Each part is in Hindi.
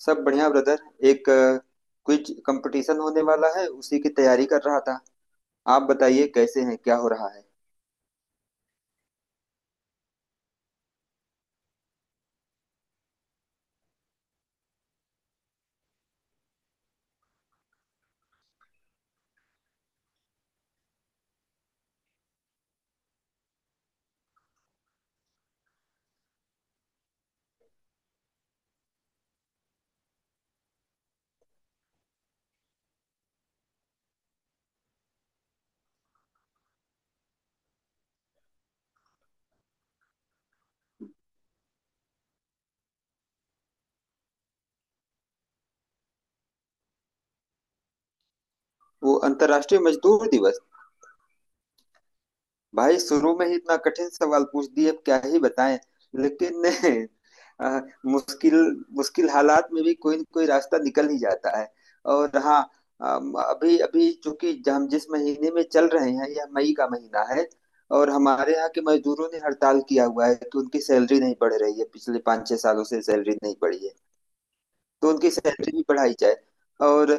सब बढ़िया ब्रदर। एक क्विज कंपटीशन होने वाला है, उसी की तैयारी कर रहा था। आप बताइए कैसे हैं, क्या हो रहा है। वो अंतर्राष्ट्रीय मजदूर दिवस? भाई शुरू में ही इतना कठिन सवाल पूछ दिए, अब क्या ही बताएं। लेकिन अ, मुश्किल मुश्किल हालात में भी कोई न कोई रास्ता निकल ही जाता है। और हाँ, अभी अभी चूंकि हम जिस महीने में चल रहे हैं यह मई का महीना है। और हमारे यहाँ के मजदूरों ने हड़ताल किया हुआ है कि उनकी सैलरी नहीं बढ़ रही है, पिछले पाँच छह सालों से सैलरी नहीं बढ़ी है। तो उनकी सैलरी भी बढ़ाई जाए। और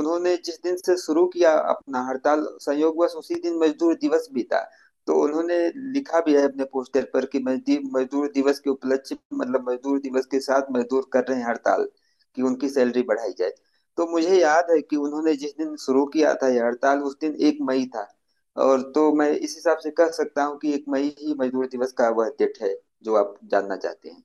उन्होंने जिस दिन से शुरू किया अपना हड़ताल, संयोगवश उसी दिन मजदूर दिवस भी था। तो उन्होंने लिखा भी है अपने पोस्टर पर कि मजदूर दिवस के उपलक्ष्य, मतलब मजदूर दिवस के साथ मजदूर कर रहे हैं हड़ताल कि उनकी सैलरी बढ़ाई जाए। तो मुझे याद है कि उन्होंने जिस दिन शुरू किया था यह हड़ताल उस दिन एक मई था। और तो मैं इस हिसाब से कह सकता हूँ कि एक मई ही मजदूर दिवस का वह डेट है जो आप जानना चाहते हैं।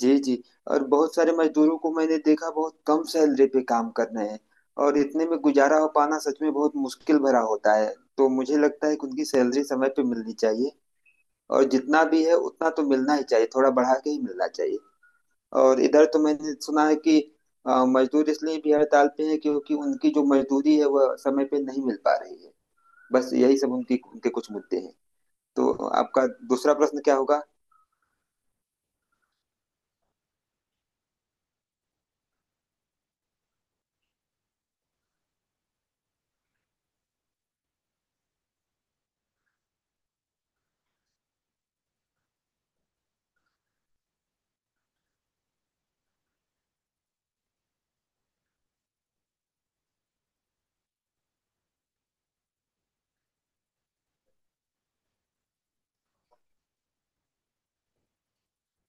जी जी। और बहुत सारे मजदूरों को मैंने देखा बहुत कम सैलरी पे काम कर रहे हैं। और इतने में गुजारा हो पाना सच में बहुत मुश्किल भरा होता है। तो मुझे लगता है कि उनकी सैलरी समय पे मिलनी चाहिए। और जितना भी है उतना तो मिलना ही चाहिए, थोड़ा बढ़ा के ही मिलना चाहिए। और इधर तो मैंने सुना है कि मजदूर इसलिए भी हड़ताल पे है क्योंकि उनकी जो मजदूरी है वह समय पे नहीं मिल पा रही है। बस यही सब उनकी उनके कुछ मुद्दे हैं। तो आपका दूसरा प्रश्न क्या होगा?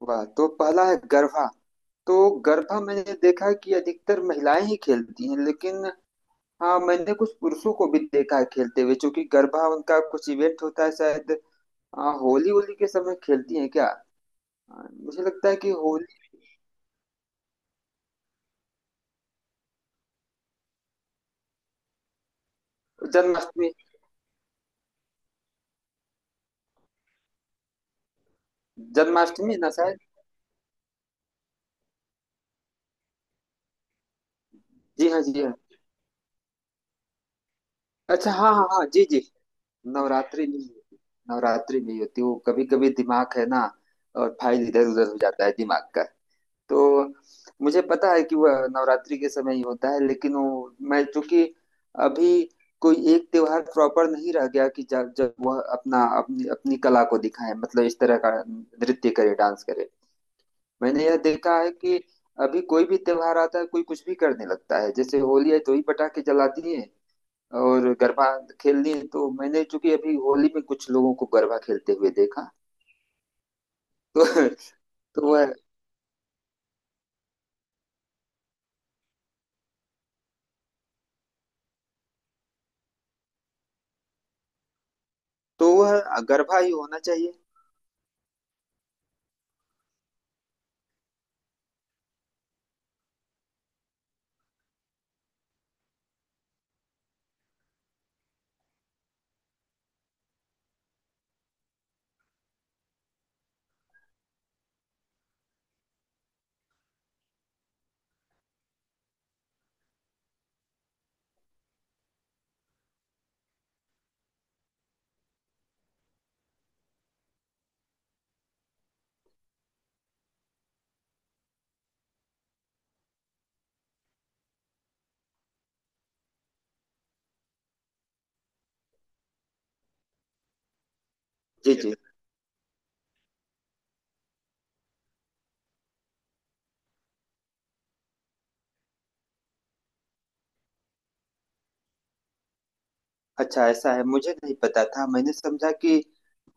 वाह, तो पहला है गरबा। तो गरबा मैंने देखा है कि अधिकतर महिलाएं ही खेलती हैं, लेकिन हाँ मैंने कुछ पुरुषों को भी देखा है खेलते हुए क्योंकि गरबा उनका कुछ इवेंट होता है शायद। हाँ, होली होली के समय खेलती हैं क्या? हाँ, मुझे लगता है कि होली। जन्माष्टमी। जन्माष्टमी ना शायद। जी हाँ जी हाँ। अच्छा, हाँ हाँ हाँ, जी जी। नवरात्रि नहीं होती। नवरात्रि नहीं होती, वो कभी कभी दिमाग है ना और फाइल इधर उधर हो जाता है दिमाग का। तो मुझे पता है कि वह नवरात्रि के समय ही होता है, लेकिन वो मैं चूंकि अभी कोई एक त्योहार प्रॉपर नहीं रह गया कि जब जब वह अपना अपनी अपनी कला को दिखाए, मतलब इस तरह का नृत्य करे, डांस करे। मैंने यह देखा है कि अभी कोई भी त्योहार आता है कोई कुछ भी करने लगता है। जैसे होली है तो ही पटाखे जलाती है और गरबा खेलनी है तो मैंने चूंकि अभी होली में कुछ लोगों को गरबा खेलते हुए देखा। तो तो वह तो वह गरबा ही होना चाहिए। जी जी। अच्छा ऐसा है, मुझे नहीं पता था। मैंने समझा कि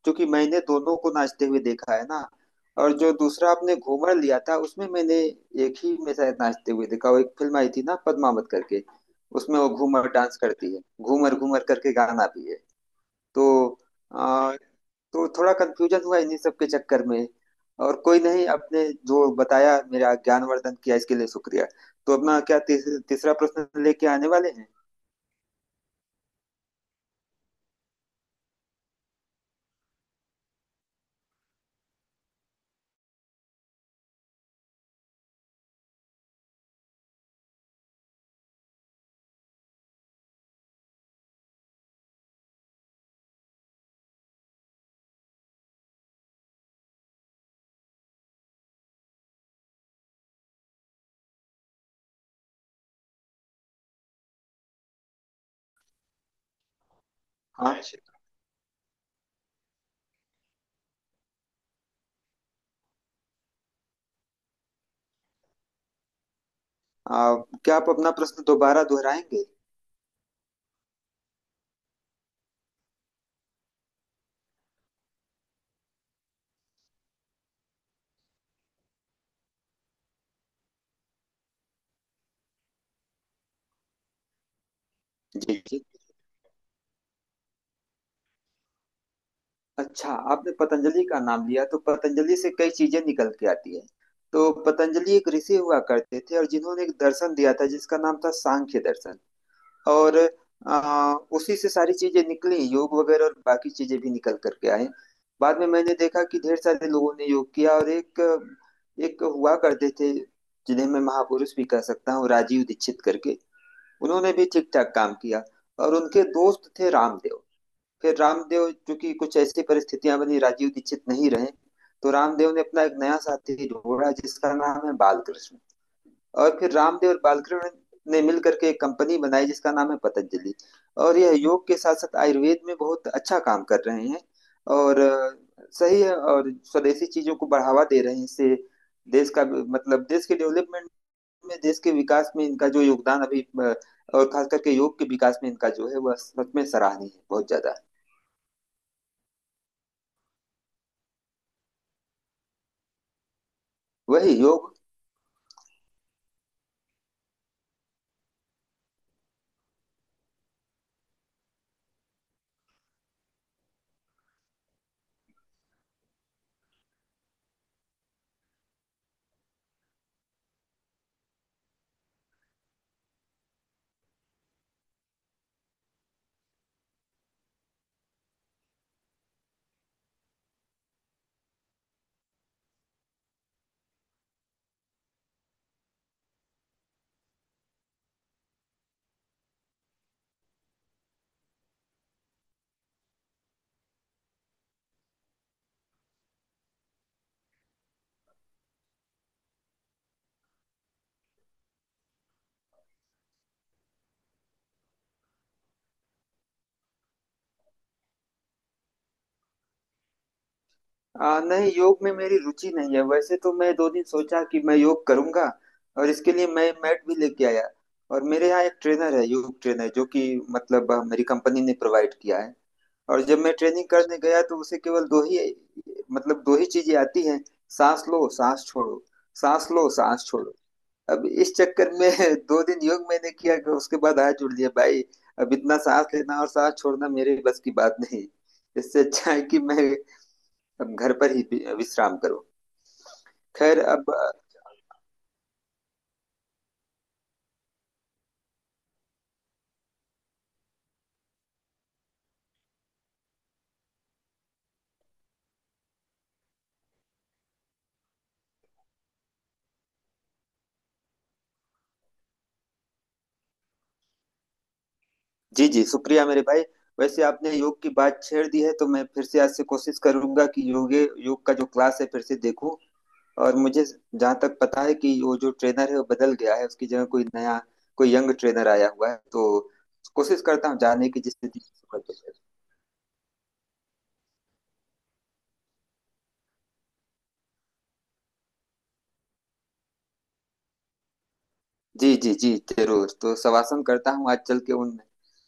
क्योंकि मैंने दोनों को नाचते हुए देखा है ना। और जो दूसरा आपने घूमर लिया था उसमें मैंने एक ही में शायद नाचते हुए देखा। वो एक फिल्म आई थी ना पद्मावत करके, उसमें वो घूमर डांस करती है, घूमर घूमर करके गाना भी है। तो आ, तो थोड़ा कंफ्यूजन हुआ इन्हीं सब के चक्कर में। और कोई नहीं, आपने जो बताया मेरा ज्ञानवर्धन किया, इसके लिए शुक्रिया। तो अपना क्या तीसरा प्रश्न लेके आने वाले हैं। हाँ। आ, क्या आप अपना प्रश्न दोबारा दोहराएंगे? जी जी। अच्छा आपने पतंजलि का नाम लिया, तो पतंजलि से कई चीजें निकल के आती है। तो पतंजलि एक ऋषि हुआ करते थे और जिन्होंने एक दर्शन दिया था जिसका नाम था सांख्य दर्शन। और उसी से सारी चीजें निकली, योग वगैरह और बाकी चीजें भी निकल करके आए। बाद में मैंने देखा कि ढेर सारे लोगों ने योग किया। और एक एक हुआ करते थे जिन्हें मैं महापुरुष भी कह सकता हूँ, राजीव दीक्षित करके। उन्होंने भी ठीक ठाक काम किया और उनके दोस्त थे रामदेव। फिर रामदेव, चूंकि कुछ ऐसी परिस्थितियां बनी राजीव दीक्षित नहीं रहे, तो रामदेव ने अपना एक नया साथी ढूंढा जिसका नाम है बालकृष्ण। और फिर रामदेव और बालकृष्ण ने मिल करके एक कंपनी बनाई जिसका नाम है पतंजलि। और यह योग के साथ साथ आयुर्वेद में बहुत अच्छा काम कर रहे हैं। और सही है, और स्वदेशी चीजों को बढ़ावा दे रहे हैं। इससे देश का, मतलब देश के डेवलपमेंट में, देश के विकास में इनका जो योगदान अभी और खास करके योग के विकास में इनका जो है वह सच में सराहनीय है, बहुत ज्यादा। वही, योग। नहीं, योग में मेरी रुचि नहीं है। वैसे तो मैं दो दिन सोचा कि मैं योग करूंगा और इसके लिए मैं मैट भी लेके आया। और मेरे यहाँ एक ट्रेनर है, योग ट्रेनर, जो कि मतलब मेरी कंपनी ने प्रोवाइड किया है। और जब मैं ट्रेनिंग करने गया तो उसे केवल दो ही, मतलब दो ही चीजें आती हैं। सांस लो सांस छोड़ो, सांस लो सांस छोड़ो। अब इस चक्कर में दो दिन योग मैंने किया, उसके बाद हाथ जोड़ लिया भाई। अब इतना सांस लेना और सांस छोड़ना मेरे बस की बात नहीं। इससे अच्छा है कि मैं अब घर पर ही विश्राम करूं। खैर अब। जी जी, शुक्रिया मेरे भाई। वैसे आपने योग की बात छेड़ दी है, तो मैं फिर से आज से कोशिश करूंगा कि योग का जो क्लास है फिर से देखूं। और मुझे जहां तक पता है कि वो जो ट्रेनर है वो बदल गया है, उसकी जगह कोई नया, कोई यंग ट्रेनर आया हुआ है। तो कोशिश करता हूँ जाने की जिससे। जी जी जी, जरूर। तो शवासन करता हूँ आज चल के उन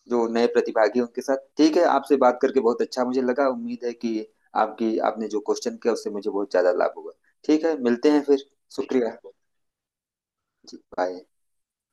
जो नए प्रतिभागी हैं उनके साथ। ठीक है, आपसे बात करके बहुत अच्छा मुझे लगा। उम्मीद है कि आपकी आपने जो क्वेश्चन किया उससे मुझे बहुत ज्यादा लाभ हुआ। ठीक है, मिलते हैं फिर। शुक्रिया। जी बाय।